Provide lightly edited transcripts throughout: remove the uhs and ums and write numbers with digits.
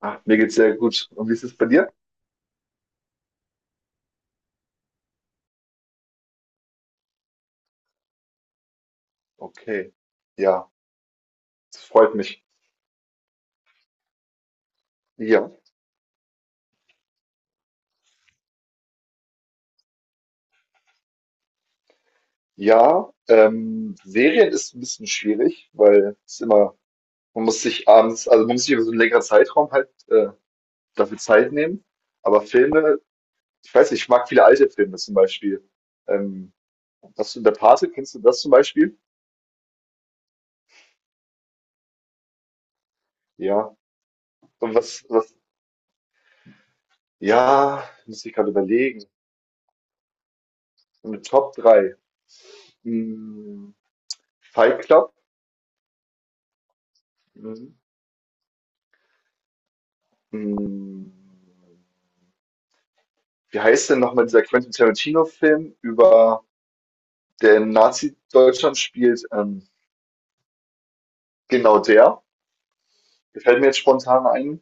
Ah, mir geht's sehr gut. Und wie ist es bei dir? Okay. Ja, das freut mich. Ja. Ja, Serien ist ein bisschen schwierig, weil es ist immer, man muss sich abends, also man muss sich über so einen längeren Zeitraum halt dafür Zeit nehmen. Aber Filme, ich weiß nicht, ich mag viele alte Filme zum Beispiel. Ähm, hast du in der Pate, kennst du das zum Beispiel? Ja. Und was, was, ja, muss ich gerade überlegen. Eine Top drei. Hm, Fight Club. Mhm. Hm, Wie heißt denn nochmal dieser Quentin Tarantino-Film über der in Nazi-Deutschland spielt? Genau der. Gefällt mir jetzt spontan ein.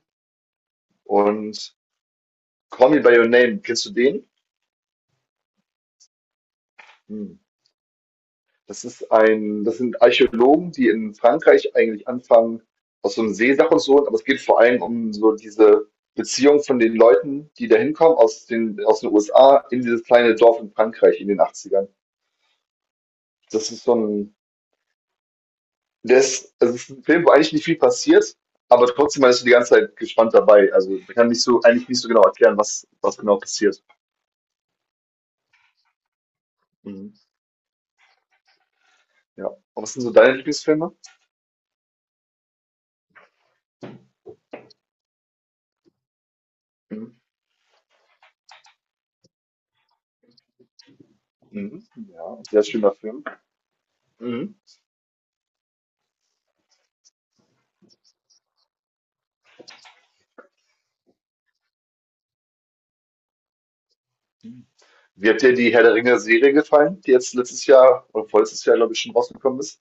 Und Call Me by Your Name, kennst du den? Hm. Das sind Archäologen, die in Frankreich eigentlich anfangen, aus so einem See-Sachen zu holen, aber es geht vor allem um so diese Beziehung von den Leuten, die da hinkommen aus den USA in dieses kleine Dorf in Frankreich in den Achtzigern. Das ist so ein Der ist, also es ist ein Film, wo eigentlich nicht viel passiert, aber trotzdem man ist die ganze Zeit gespannt dabei. Also man kann nicht so, eigentlich nicht so genau erklären, was genau passiert. Mhm. Ja. Und was sind so deine Lieblingsfilme? Mhm. Mhm. Ja, sehr schöner Film. Mhm. Wie hat dir die Herr der Ringe-Serie gefallen, die jetzt letztes Jahr oder vorletztes Jahr, glaube ich, schon rausgekommen ist?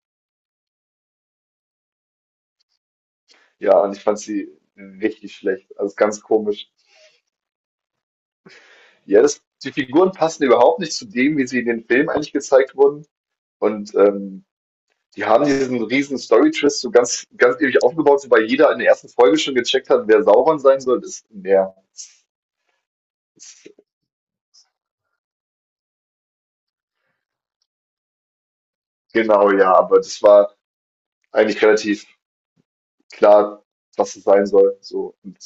Ja, und ich fand sie richtig schlecht. Also ganz komisch. Ja, die Figuren passen überhaupt nicht zu dem, wie sie in den Filmen eigentlich gezeigt wurden. Und die haben diesen riesen Story-Twist so ganz, ganz ewig aufgebaut, so weil jeder in der ersten Folge schon gecheckt hat, wer Sauron sein soll. Das, genau, ja, aber das war eigentlich relativ klar, was es sein soll. So, und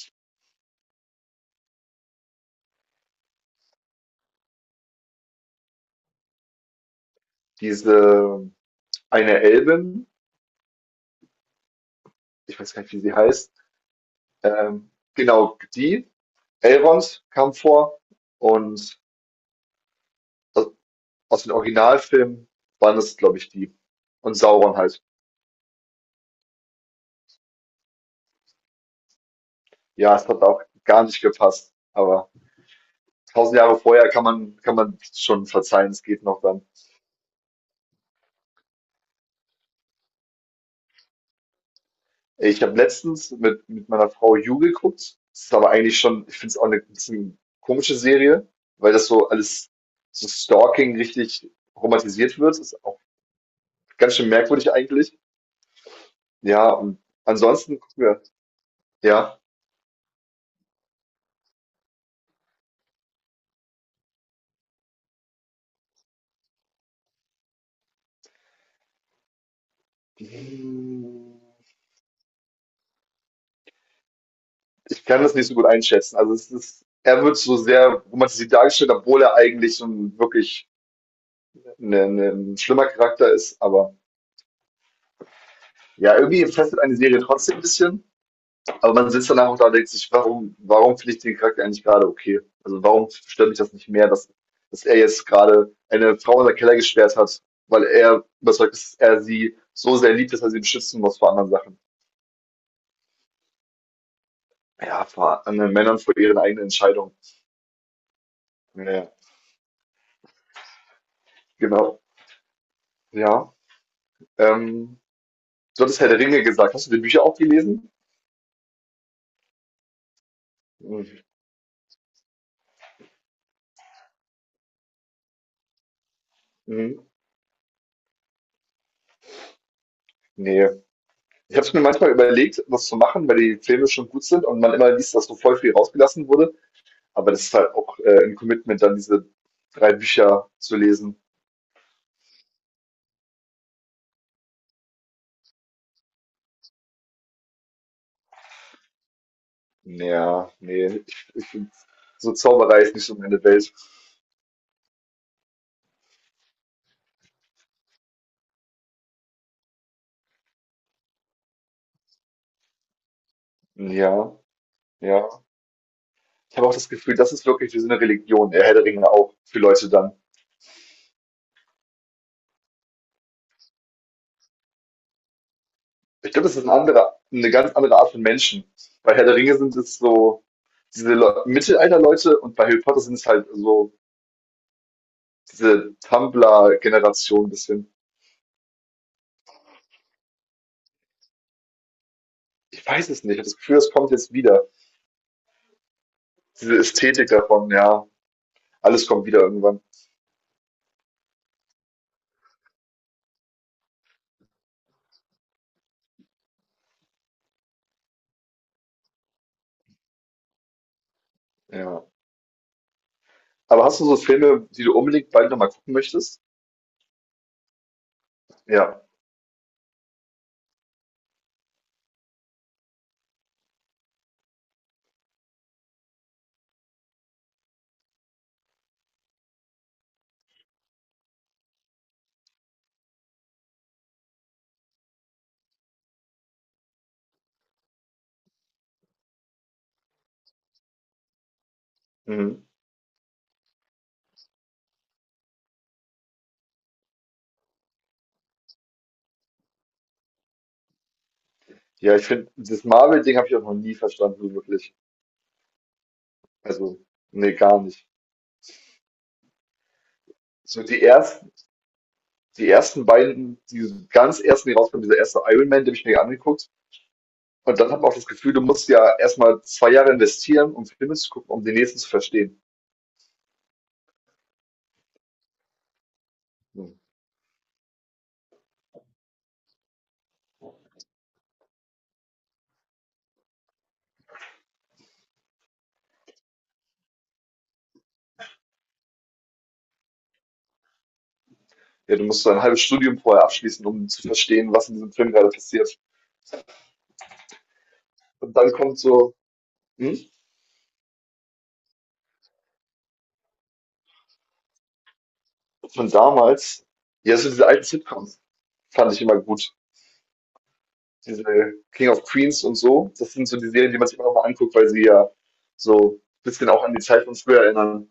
diese eine Elbin, ich weiß gar nicht, wie sie heißt, genau, Elrond kam vor und aus- aus den Originalfilmen waren es, glaube ich, die. Und Sauron halt. Ja, es hat auch gar nicht gepasst, aber tausend Jahre vorher kann man schon verzeihen, es geht noch dann. Ich habe letztens mit meiner Frau You geguckt. Das ist aber eigentlich schon ich finde es auch eine bisschen komische Serie, weil das so alles so Stalking richtig romantisiert wird. Ist auch ganz schön merkwürdig eigentlich. Ja, und ansonsten gucken wir ja. Hm, Ich kann das nicht so gut einschätzen. Also, es ist er wird so sehr romantisiert dargestellt, obwohl er eigentlich so 'n wirklich 'ne 'ne 'n schlimmer Charakter ist, aber. Ja, irgendwie fesselt eine Serie trotzdem ein bisschen, aber man sitzt danach auch da und denkt sich, warum finde ich den Charakter eigentlich gerade okay? Also warum stört mich das nicht mehr, dass er jetzt gerade eine Frau in der Keller gesperrt hat, weil er überzeugt ist, dass er sie so sehr liebt, dass er sie beschützen muss vor anderen Sachen. Ja, vor anderen Männern, vor ihren eigenen Entscheidungen. Ja, genau. Ja. Ähm, du hattest Herr der Ringe gesagt. Hast du die Bücher auch gelesen? Mhm. Mhm. Nee. Ich habe es mir manchmal überlegt, das zu machen, weil die Filme schon gut sind und man immer liest, dass so voll viel rausgelassen wurde. Aber das ist halt auch ein Commitment, dann diese drei Bücher zu lesen. Ja, nee, ich find, so Zauberei ist nicht so meine Welt. Ja, ja. Ich habe auch das Gefühl, das ist wirklich wie so eine Religion, der Herr der Ringe auch für Leute dann. Ich glaube, das ist eine ganz andere Art von Menschen. Bei Herr der Ringe sind es so diese Le Mittelalter-Leute und bei Harry Potter sind es halt so diese Tumblr-Generation ein bisschen. Ich weiß es nicht. Ich habe das Gefühl, es kommt jetzt wieder. Diese Ästhetik davon, ja. Alles kommt wieder irgendwann. Ja. Aber hast du so Filme, die du unbedingt bald nochmal gucken möchtest? Ja. Mhm. Ja, ich finde, das Marvel-Ding habe ich auch noch nie verstanden, so wirklich. Also, nee, gar nicht. So die ganz ersten, die rauskommen, dieser erste Iron Man, den habe ich mir angeguckt. Und dann habe ich auch das Gefühl, du musst ja erstmal 2 Jahre investieren, um Filme zu gucken, um den nächsten zu verstehen. Hm. Ja, du musst so ein halbes Studium vorher abschließen, um zu verstehen, was in diesem Film gerade passiert. Und dann kommt so, hm, von damals, ja, so diese alten Sitcoms fand ich immer gut. Diese King of Queens und so, das sind so die Serien, die man sich immer noch mal anguckt, weil sie ja so ein bisschen auch an die Zeit von früher erinnern.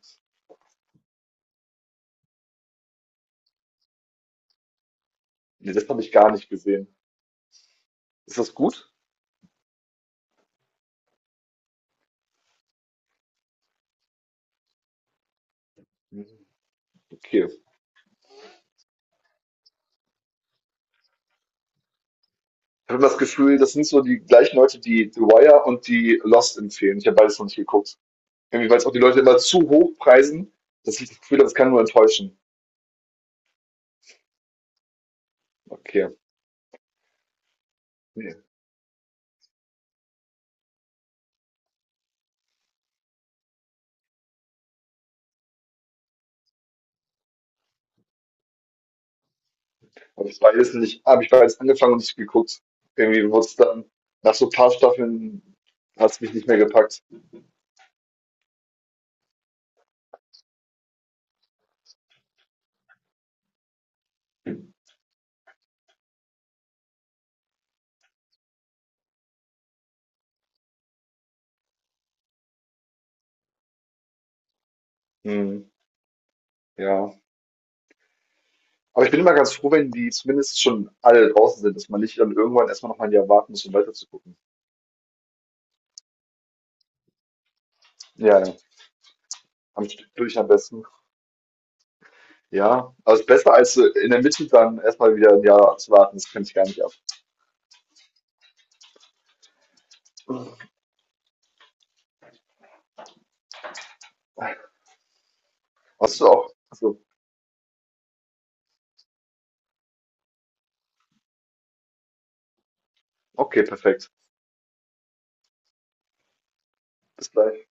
Nee, das habe ich gar nicht gesehen. Ist das gut? Mhm, okay. Ich habe das Gefühl, das sind so die gleichen Leute, die The Wire und die Lost empfehlen. Ich habe beides noch nicht geguckt. Irgendwie, weil es auch die Leute immer zu hoch preisen, dass ich das Gefühl habe, es kann nur enttäuschen. Okay. Nee. Und ich weiß nicht, habe ich bereits angefangen und nicht geguckt. Irgendwie wurde es dann, nach so ein paar Staffeln hat es mich nicht mehr gepackt. Hm, ja. Aber ich bin immer ganz froh, wenn die zumindest schon alle draußen sind, dass man nicht dann irgendwann erstmal noch mal ein Jahr warten muss, um weiter zu gucken. Ja, ja. Am Stück durch am besten. Ja, also ist besser als in der Mitte dann erstmal wieder ein Jahr zu warten. Das könnte ich gar nicht ab. Hast du auch? Also, okay, perfekt. Bis gleich.